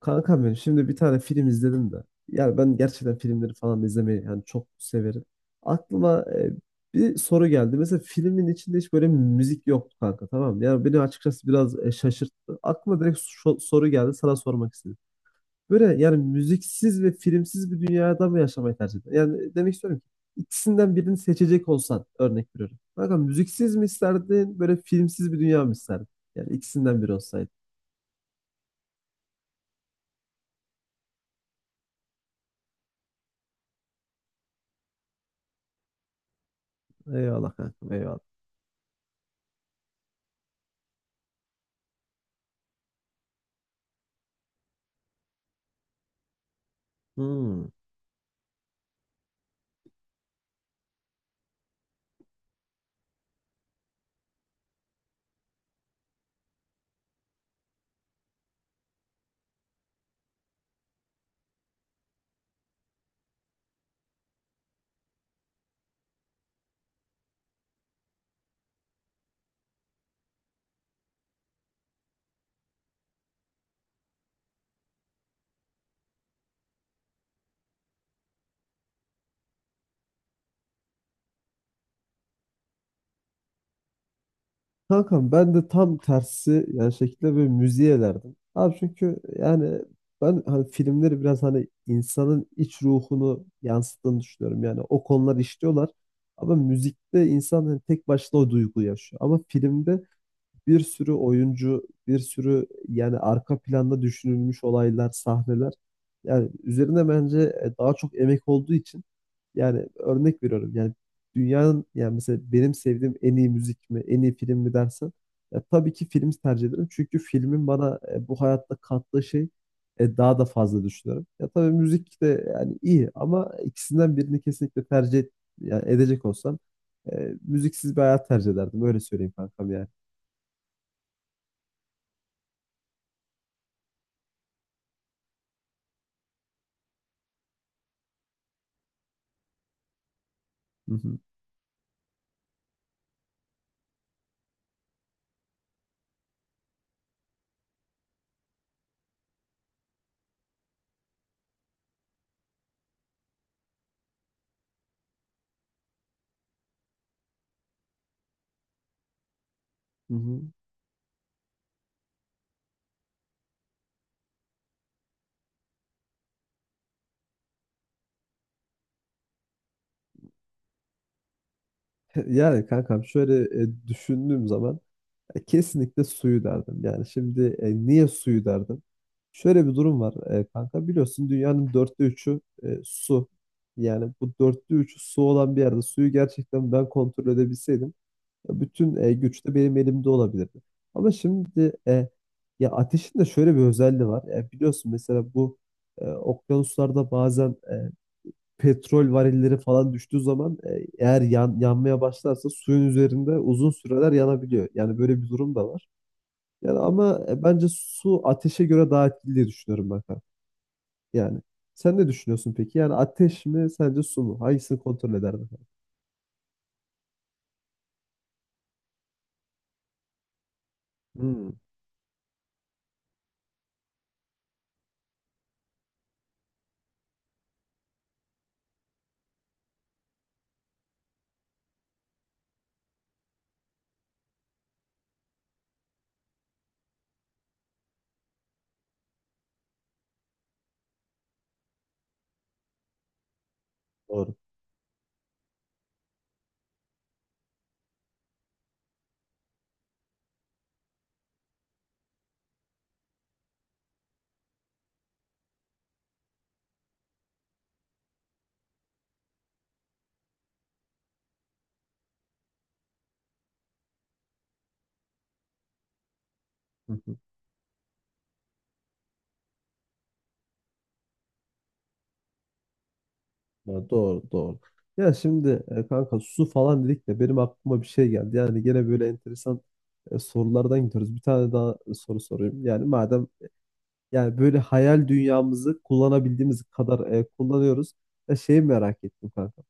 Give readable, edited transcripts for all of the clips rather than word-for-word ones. Kankam benim şimdi bir tane film izledim de. Yani ben gerçekten filmleri falan da izlemeyi yani çok severim. Aklıma bir soru geldi. Mesela filmin içinde hiç böyle müzik yoktu kanka, tamam mı? Yani beni açıkçası biraz şaşırttı. Aklıma direkt soru geldi, sana sormak istedim. Böyle yani müziksiz ve filmsiz bir dünyada mı yaşamayı tercih eder? Yani demek istiyorum ki ikisinden birini seçecek olsan, örnek veriyorum. Kanka, müziksiz mi isterdin, böyle filmsiz bir dünya mı isterdin? Yani ikisinden biri olsaydı. Eyvallah kankam, eyvallah. Hmm. Kankam ben de tam tersi yani şekilde böyle müziğe elerdim. Abi çünkü yani ben hani filmleri biraz hani insanın iç ruhunu yansıttığını düşünüyorum. Yani o konular işliyorlar. Ama müzikte insan hani tek başına o duyguyu yaşıyor. Ama filmde bir sürü oyuncu, bir sürü yani arka planda düşünülmüş olaylar, sahneler. Yani üzerine bence daha çok emek olduğu için yani örnek veriyorum yani dünyanın yani mesela benim sevdiğim en iyi müzik mi, en iyi film mi dersen, ya tabii ki film tercih ederim. Çünkü filmin bana bu hayatta kattığı şey, daha da fazla düşünüyorum. Ya tabii müzik de yani iyi ama ikisinden birini kesinlikle yani edecek olsam, müziksiz bir hayat tercih ederdim. Öyle söyleyeyim kankam yani. Hı hı. Hı hı. Yani kankam şöyle düşündüğüm zaman, kesinlikle suyu derdim. Yani şimdi niye suyu derdim? Şöyle bir durum var, kanka, biliyorsun dünyanın dörtte üçü su. Yani bu dörtte üçü su olan bir yerde suyu gerçekten ben kontrol edebilseydim, ya bütün güç de benim elimde olabilirdi. Ama şimdi ya ateşin de şöyle bir özelliği var. Biliyorsun mesela bu okyanuslarda bazen petrol varilleri falan düştüğü zaman, eğer yanmaya başlarsa suyun üzerinde uzun süreler yanabiliyor. Yani böyle bir durum da var. Yani ama bence su ateşe göre daha etkili diye düşünüyorum ben, kanka. Yani sen ne düşünüyorsun peki? Yani ateş mi sence, su mu? Hangisini kontrol ederdin, kanka? Hmm, doğru. Hı hı. Ya doğru, doğru. Ya şimdi kanka, su falan dedik de benim aklıma bir şey geldi. Yani gene böyle enteresan sorulardan gidiyoruz. Bir tane daha soru sorayım. Yani madem yani böyle hayal dünyamızı kullanabildiğimiz kadar kullanıyoruz. Ya şeyi merak ettim kanka.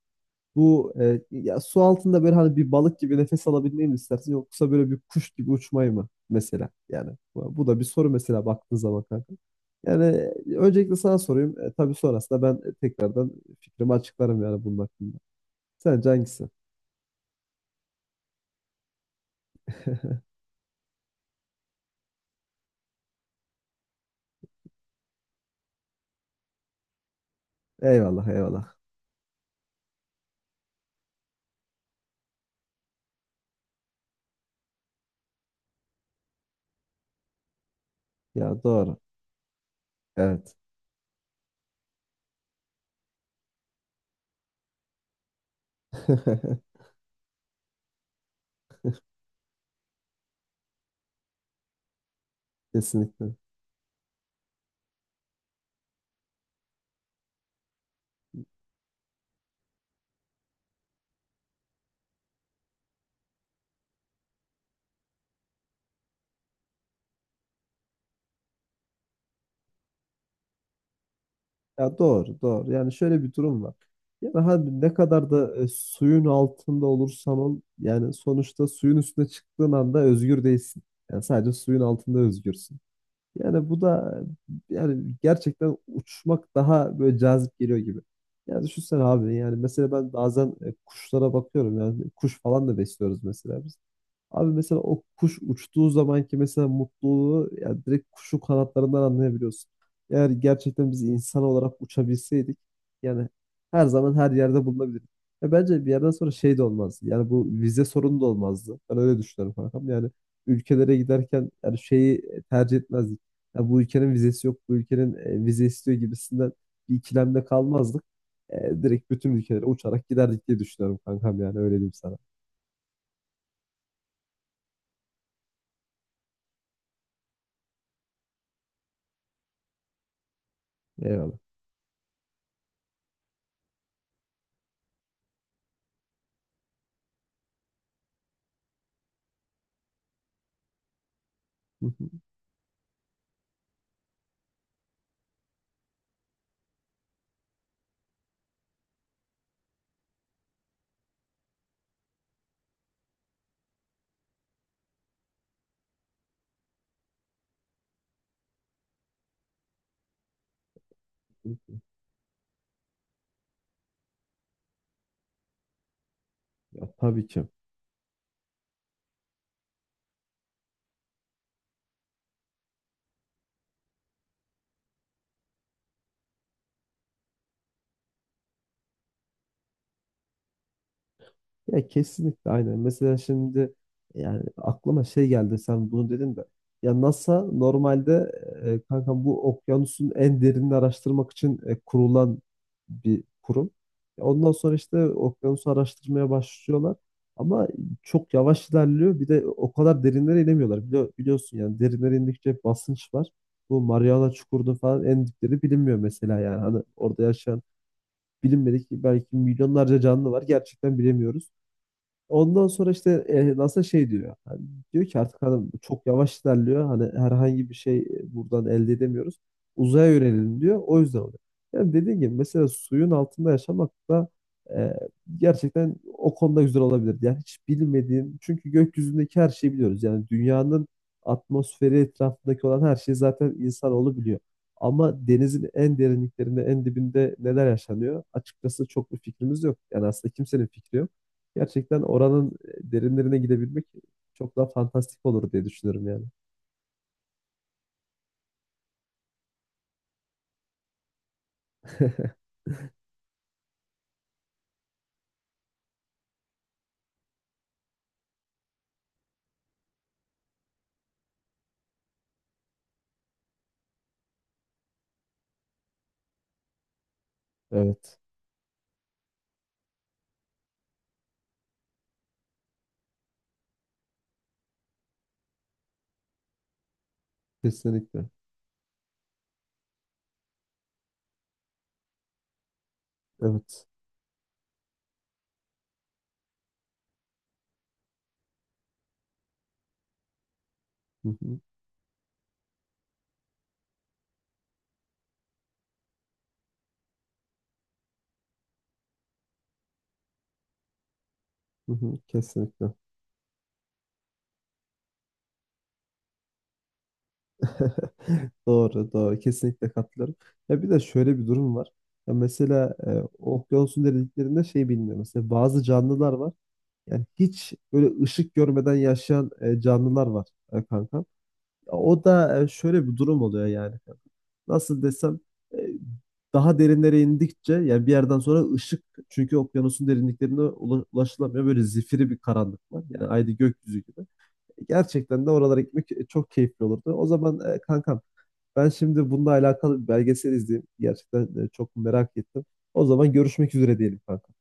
Bu ya su altında böyle hani bir balık gibi nefes alabilmeyi mi istersin, yoksa böyle bir kuş gibi uçmayı mı mesela? Yani bu da bir soru mesela baktığın zaman kanka. Yani öncelikle sana sorayım. E, tabii sonrasında ben tekrardan fikrimi açıklarım yani bunun hakkında. Sence hangisi? Eyvallah, eyvallah. Ya doğru. Evet. Kesinlikle. Ya doğru, doğru. Yani şöyle bir durum var. Yani hadi ne kadar da suyun altında olursan ol, yani sonuçta suyun üstüne çıktığın anda özgür değilsin. Yani sadece suyun altında özgürsün. Yani bu da yani gerçekten uçmak daha böyle cazip geliyor gibi. Yani düşünsene abi, yani mesela ben bazen kuşlara bakıyorum, yani kuş falan da besliyoruz mesela biz. Abi mesela o kuş uçtuğu zamanki mesela mutluluğu yani direkt kuşun kanatlarından anlayabiliyorsun. Eğer gerçekten biz insan olarak uçabilseydik, yani her zaman her yerde bulunabilirdik. Ya bence bir yerden sonra şey de olmazdı. Yani bu vize sorunu da olmazdı. Ben öyle düşünüyorum kankam. Yani ülkelere giderken yani şeyi tercih etmezdik. Ya bu ülkenin vizesi yok, bu ülkenin vize istiyor gibisinden bir ikilemde kalmazdık. E, direkt bütün ülkelere uçarak giderdik diye düşünüyorum kankam, yani öyle diyeyim sana. Eyvallah. Ya tabii ki. Ya kesinlikle aynen. Mesela şimdi yani aklıma şey geldi, sen bunu dedin de. Ya NASA normalde kanka bu okyanusun en derinini araştırmak için kurulan bir kurum. Ya ondan sonra işte okyanusu araştırmaya başlıyorlar. Ama çok yavaş ilerliyor. Bir de o kadar derinlere inemiyorlar. Biliyorsun yani derinlere indikçe basınç var. Bu Mariana Çukuru'nun falan en dipleri bilinmiyor mesela yani. Hani orada yaşayan bilinmedik belki milyonlarca canlı var. Gerçekten bilemiyoruz. Ondan sonra işte NASA şey diyor. Hani diyor ki artık hanım çok yavaş ilerliyor. Hani herhangi bir şey buradan elde edemiyoruz. Uzaya yönelelim diyor. O yüzden oluyor. Yani dediğim gibi mesela suyun altında yaşamak da e, gerçekten o konuda güzel olabilir. Yani hiç bilmediğin, çünkü gökyüzündeki her şeyi biliyoruz. Yani dünyanın atmosferi etrafındaki olan her şeyi zaten insanoğlu biliyor. Ama denizin en derinliklerinde, en dibinde neler yaşanıyor? Açıkçası çok bir fikrimiz yok. Yani aslında kimsenin fikri yok. Gerçekten oranın derinlerine gidebilmek çok daha fantastik olur diye düşünüyorum yani. Evet, kesinlikle. Evet. Hı hı, hı hı, kesinlikle. Doğru, doğru. Kesinlikle katılıyorum. Ya bir de şöyle bir durum var. Ya mesela okyanusun derinliklerinde şey bilmiyorum. Mesela bazı canlılar var. Yani hiç böyle ışık görmeden yaşayan canlılar var, kanka. Ya o da şöyle bir durum oluyor yani. Nasıl desem, e, daha derinlere indikçe yani bir yerden sonra ışık, çünkü okyanusun derinliklerine ulaşılamıyor. Böyle zifiri bir karanlık var. Yani aynı gökyüzü gibi. E, gerçekten de oralara gitmek çok keyifli olurdu. O zaman kankam, ben şimdi bununla alakalı bir belgesel izleyeyim. Gerçekten çok merak ettim. O zaman görüşmek üzere diyelim kankam.